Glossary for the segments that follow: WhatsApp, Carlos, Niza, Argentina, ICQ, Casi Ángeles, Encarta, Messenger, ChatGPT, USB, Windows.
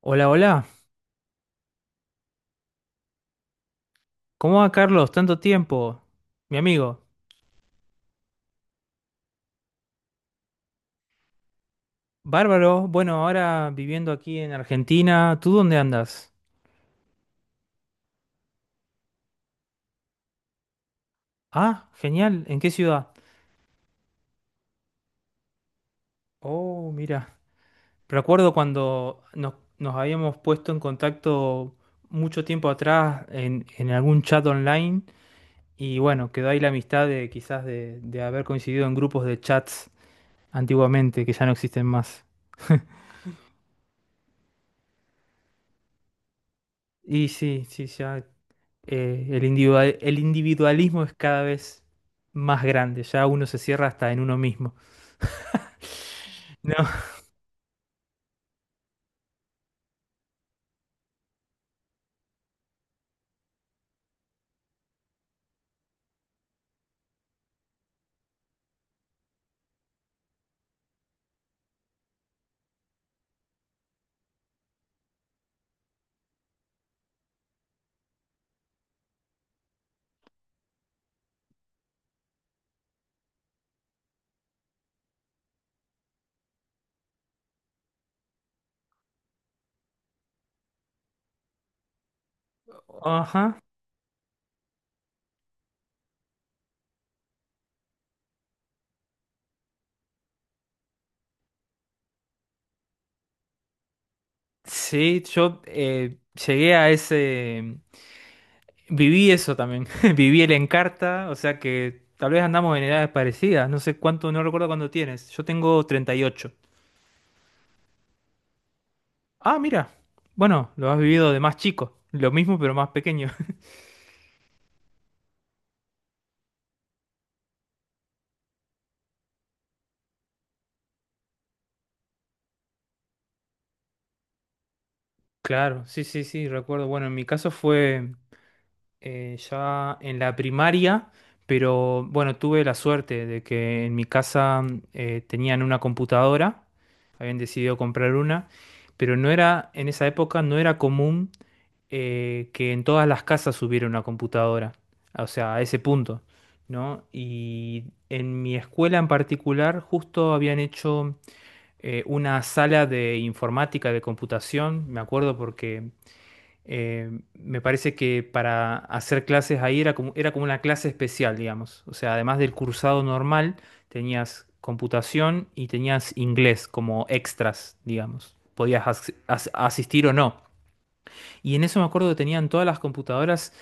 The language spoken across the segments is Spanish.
Hola, hola. ¿Cómo va, Carlos? Tanto tiempo. Mi amigo. Bárbaro. Bueno, ahora viviendo aquí en Argentina. ¿Tú dónde andas? Ah, genial. ¿En qué ciudad? Oh, mira. Recuerdo cuando nos habíamos puesto en contacto mucho tiempo atrás en algún chat online. Y bueno, quedó ahí la amistad de quizás de haber coincidido en grupos de chats antiguamente que ya no existen más. Y sí, sí, ya. El individualismo es cada vez más grande, ya uno se cierra hasta en uno mismo. No, ajá. Sí, yo llegué a ese, viví eso también, viví el Encarta, o sea que tal vez andamos en edades parecidas, no sé cuánto, no recuerdo cuándo tienes, yo tengo 38. Ah, mira, bueno, lo has vivido de más chico, lo mismo pero más pequeño. Claro, sí, sí, sí, recuerdo, bueno, en mi caso fue... ya en la primaria, pero bueno, tuve la suerte de que en mi casa tenían una computadora, habían decidido comprar una, pero no era, en esa época no era común que en todas las casas hubiera una computadora, o sea, a ese punto, ¿no? Y en mi escuela en particular justo habían hecho una sala de informática, de computación, me acuerdo porque me parece que para hacer clases ahí era como una clase especial, digamos. O sea, además del cursado normal, tenías computación y tenías inglés como extras, digamos. Podías asistir o no. Y en eso me acuerdo que tenían todas las computadoras,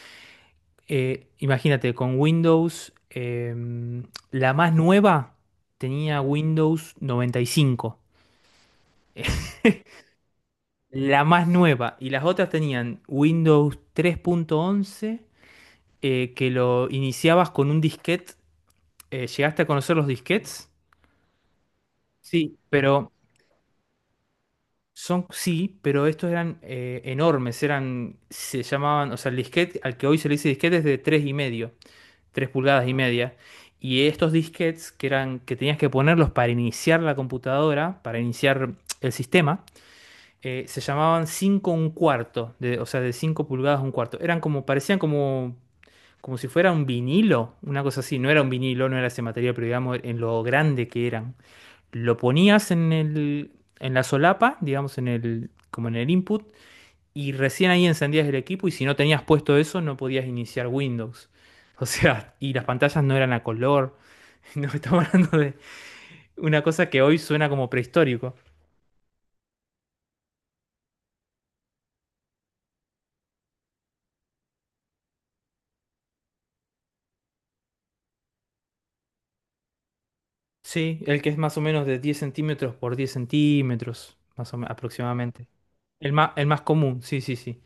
imagínate, con Windows, la más nueva tenía Windows 95. La más nueva. Y las otras tenían Windows 3.11, que lo iniciabas con un disquete. ¿Llegaste a conocer los disquetes? Sí, pero son, sí, pero estos eran enormes, eran, se llamaban, o sea, el disquete, al que hoy se le dice disquete es de tres y medio, 3 pulgadas y media. Y estos disquetes que eran, que tenías que ponerlos para iniciar la computadora, para iniciar el sistema, se llamaban 5 un cuarto, de, o sea, de 5 pulgadas un cuarto. Eran como, parecían como si fuera un vinilo, una cosa así, no era un vinilo, no era ese material, pero digamos en lo grande que eran. Lo ponías en la solapa, digamos en el, como en el input, y recién ahí encendías el equipo y si no tenías puesto eso no podías iniciar Windows. O sea, y las pantallas no eran a color. No estamos hablando de una cosa que hoy suena como prehistórico. Sí, el que es más o menos de 10 centímetros por 10 centímetros, más o menos aproximadamente. El más común, sí, sí, sí.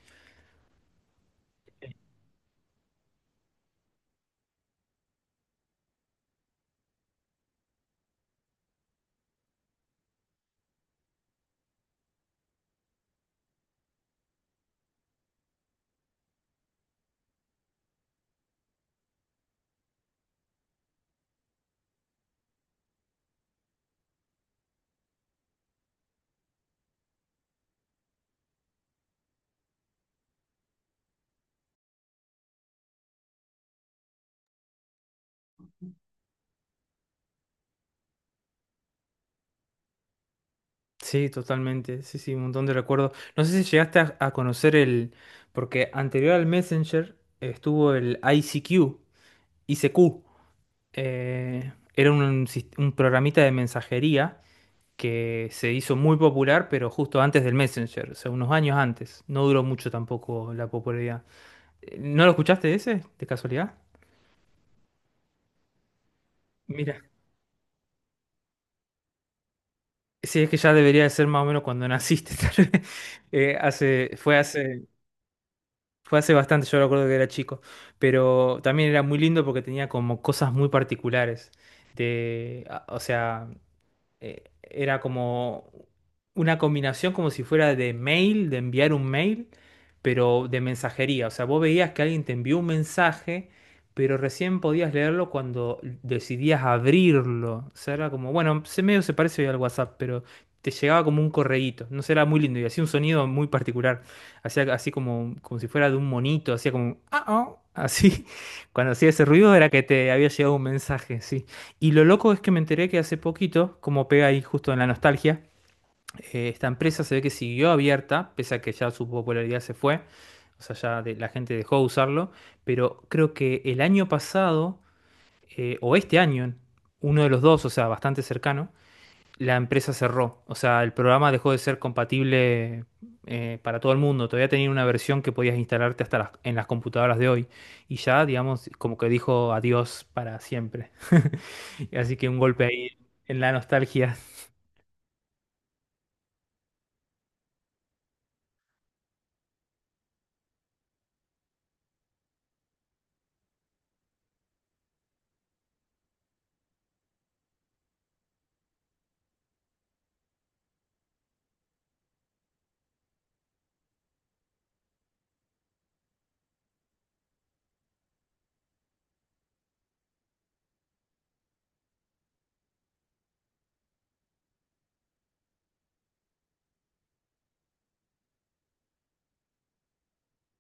Sí, totalmente. Sí, sí, un montón de recuerdos. No sé si llegaste a conocer el... Porque anterior al Messenger estuvo el ICQ, ICQ. Era un programita de mensajería que se hizo muy popular, pero justo antes del Messenger, o sea, unos años antes. No duró mucho tampoco la popularidad. ¿No lo escuchaste ese, de casualidad? Mira, sí, es que ya debería de ser más o menos cuando naciste, tal vez. Fue hace... Fue hace bastante, yo recuerdo que era chico, pero también era muy lindo porque tenía como cosas muy particulares. O sea, era como una combinación como si fuera de mail, de enviar un mail, pero de mensajería. O sea, vos veías que alguien te envió un mensaje, pero recién podías leerlo cuando decidías abrirlo. O sea, era como, bueno, se medio se parece hoy al WhatsApp, pero te llegaba como un correíto. No sé, era muy lindo y hacía un sonido muy particular. Hacía así como si fuera de un monito, hacía como, ah, ah", así, cuando hacía ese ruido era que te había llegado un mensaje, sí. Y lo loco es que me enteré que hace poquito, como pega ahí justo en la nostalgia, esta empresa se ve que siguió abierta, pese a que ya su popularidad se fue, o sea, la gente dejó de usarlo, pero creo que el año pasado, o este año, uno de los dos, o sea, bastante cercano, la empresa cerró. O sea, el programa dejó de ser compatible para todo el mundo. Todavía tenía una versión que podías instalarte en las computadoras de hoy. Y ya, digamos, como que dijo adiós para siempre. Así que un golpe ahí en la nostalgia.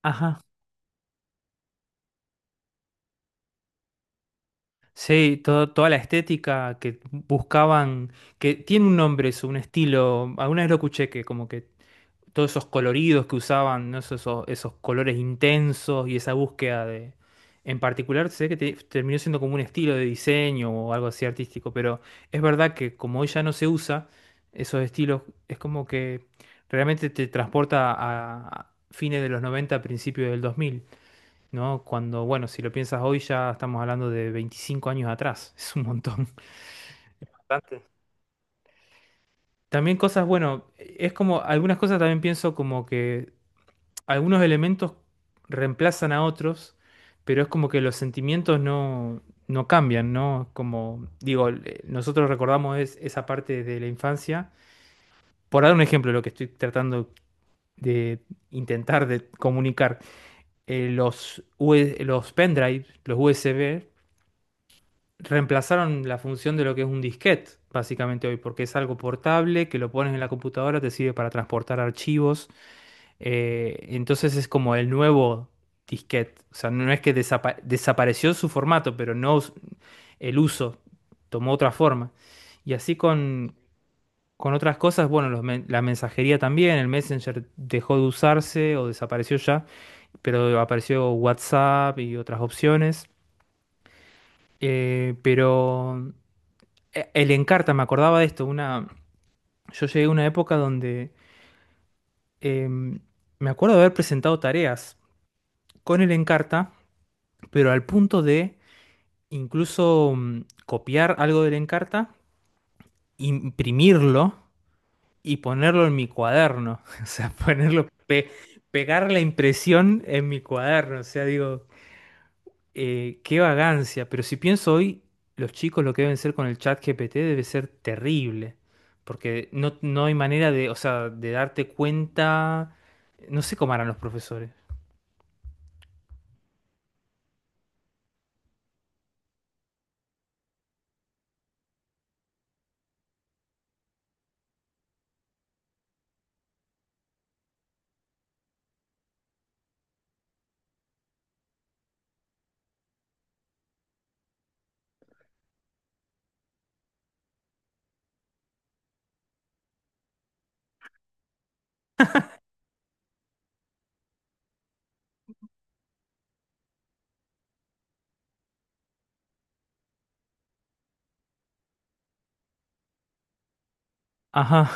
Ajá. Sí, toda la estética que buscaban, que tiene un nombre, es un estilo. Alguna vez lo escuché que como que todos esos coloridos que usaban, ¿no? Esos colores intensos y esa búsqueda de... En particular, sé que terminó siendo como un estilo de diseño o algo así artístico, pero es verdad que como hoy ya no se usa esos estilos, es como que realmente te transporta a fines de los 90 principios del 2000, ¿no? Cuando, bueno, si lo piensas hoy ya estamos hablando de 25 años atrás, es un montón. Bastante. También cosas, bueno, es como, algunas cosas también pienso como que algunos elementos reemplazan a otros, pero es como que los sentimientos no, no cambian, ¿no? Como digo, nosotros recordamos esa parte de la infancia. Por dar un ejemplo, lo que estoy tratando de intentar de comunicar, los, U- S los pendrives los USB, reemplazaron la función de lo que es un disquete, básicamente hoy, porque es algo portable, que lo pones en la computadora, te sirve para transportar archivos. Entonces es como el nuevo disquete. O sea, no es que desapareció su formato, pero no us- el uso tomó otra forma. Y así con otras cosas, bueno, la mensajería también, el Messenger dejó de usarse o desapareció ya, pero apareció WhatsApp y otras opciones. Pero el Encarta, me acordaba de esto, yo llegué a una época donde em, me acuerdo de haber presentado tareas con el Encarta pero al punto de incluso copiar algo de la Encarta, imprimirlo y ponerlo en mi cuaderno. O sea, ponerlo, pegar la impresión en mi cuaderno. O sea, digo, qué vagancia. Pero si pienso hoy, los chicos lo que deben ser con el chat GPT debe ser terrible. Porque no, no hay manera de, o sea, de darte cuenta. No sé cómo harán los profesores. Ajá.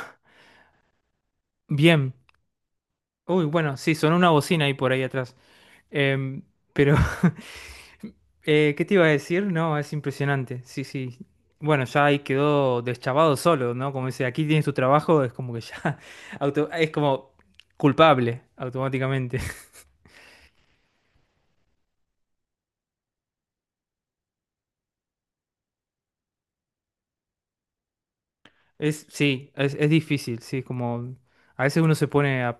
Bien. Uy, bueno, sí, sonó una bocina ahí por ahí atrás. Em, pero, ¿qué te iba a decir? No, es impresionante. Sí, sí. Bueno, ya ahí quedó deschavado solo, ¿no? Como dice, aquí tienes tu trabajo, es como que ya es como culpable automáticamente. Sí, es difícil, sí, como a veces uno se pone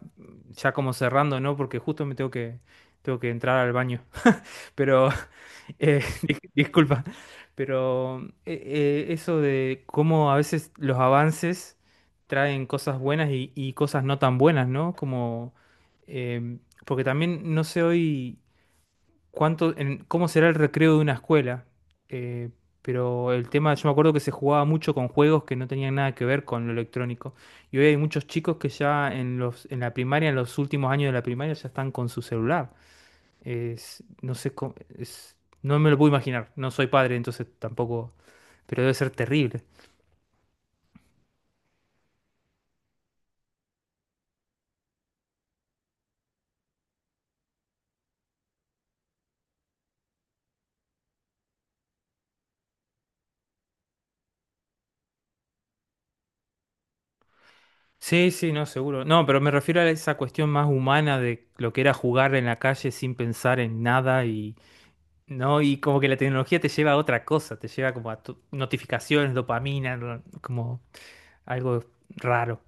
ya como cerrando, ¿no? Porque justo tengo que entrar al baño. Pero disculpa, pero eso de cómo a veces los avances traen cosas buenas y cosas no tan buenas, ¿no? Como, em, porque también no sé hoy cuánto, cómo será el recreo de una escuela, eh, pero el tema, yo me acuerdo que se jugaba mucho con juegos que no tenían nada que ver con lo electrónico. Y hoy hay muchos chicos que ya en la primaria, en los últimos años de la primaria, ya están con su celular. Es, no sé cómo, no me lo puedo imaginar. No soy padre, entonces tampoco, pero debe ser terrible. Sí, sí, no, seguro. No, pero me refiero a esa cuestión más humana de lo que era jugar en la calle sin pensar en nada y no, y como que la tecnología te lleva a otra cosa, te lleva como a notificaciones, dopamina, como algo raro.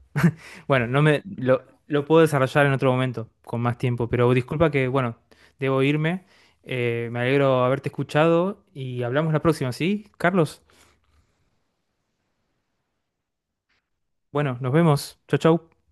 Bueno, no me lo puedo desarrollar en otro momento, con más tiempo, pero disculpa que, bueno, debo irme. Me alegro haberte escuchado y hablamos la próxima, ¿sí? Carlos, bueno, nos vemos. Chau, chau.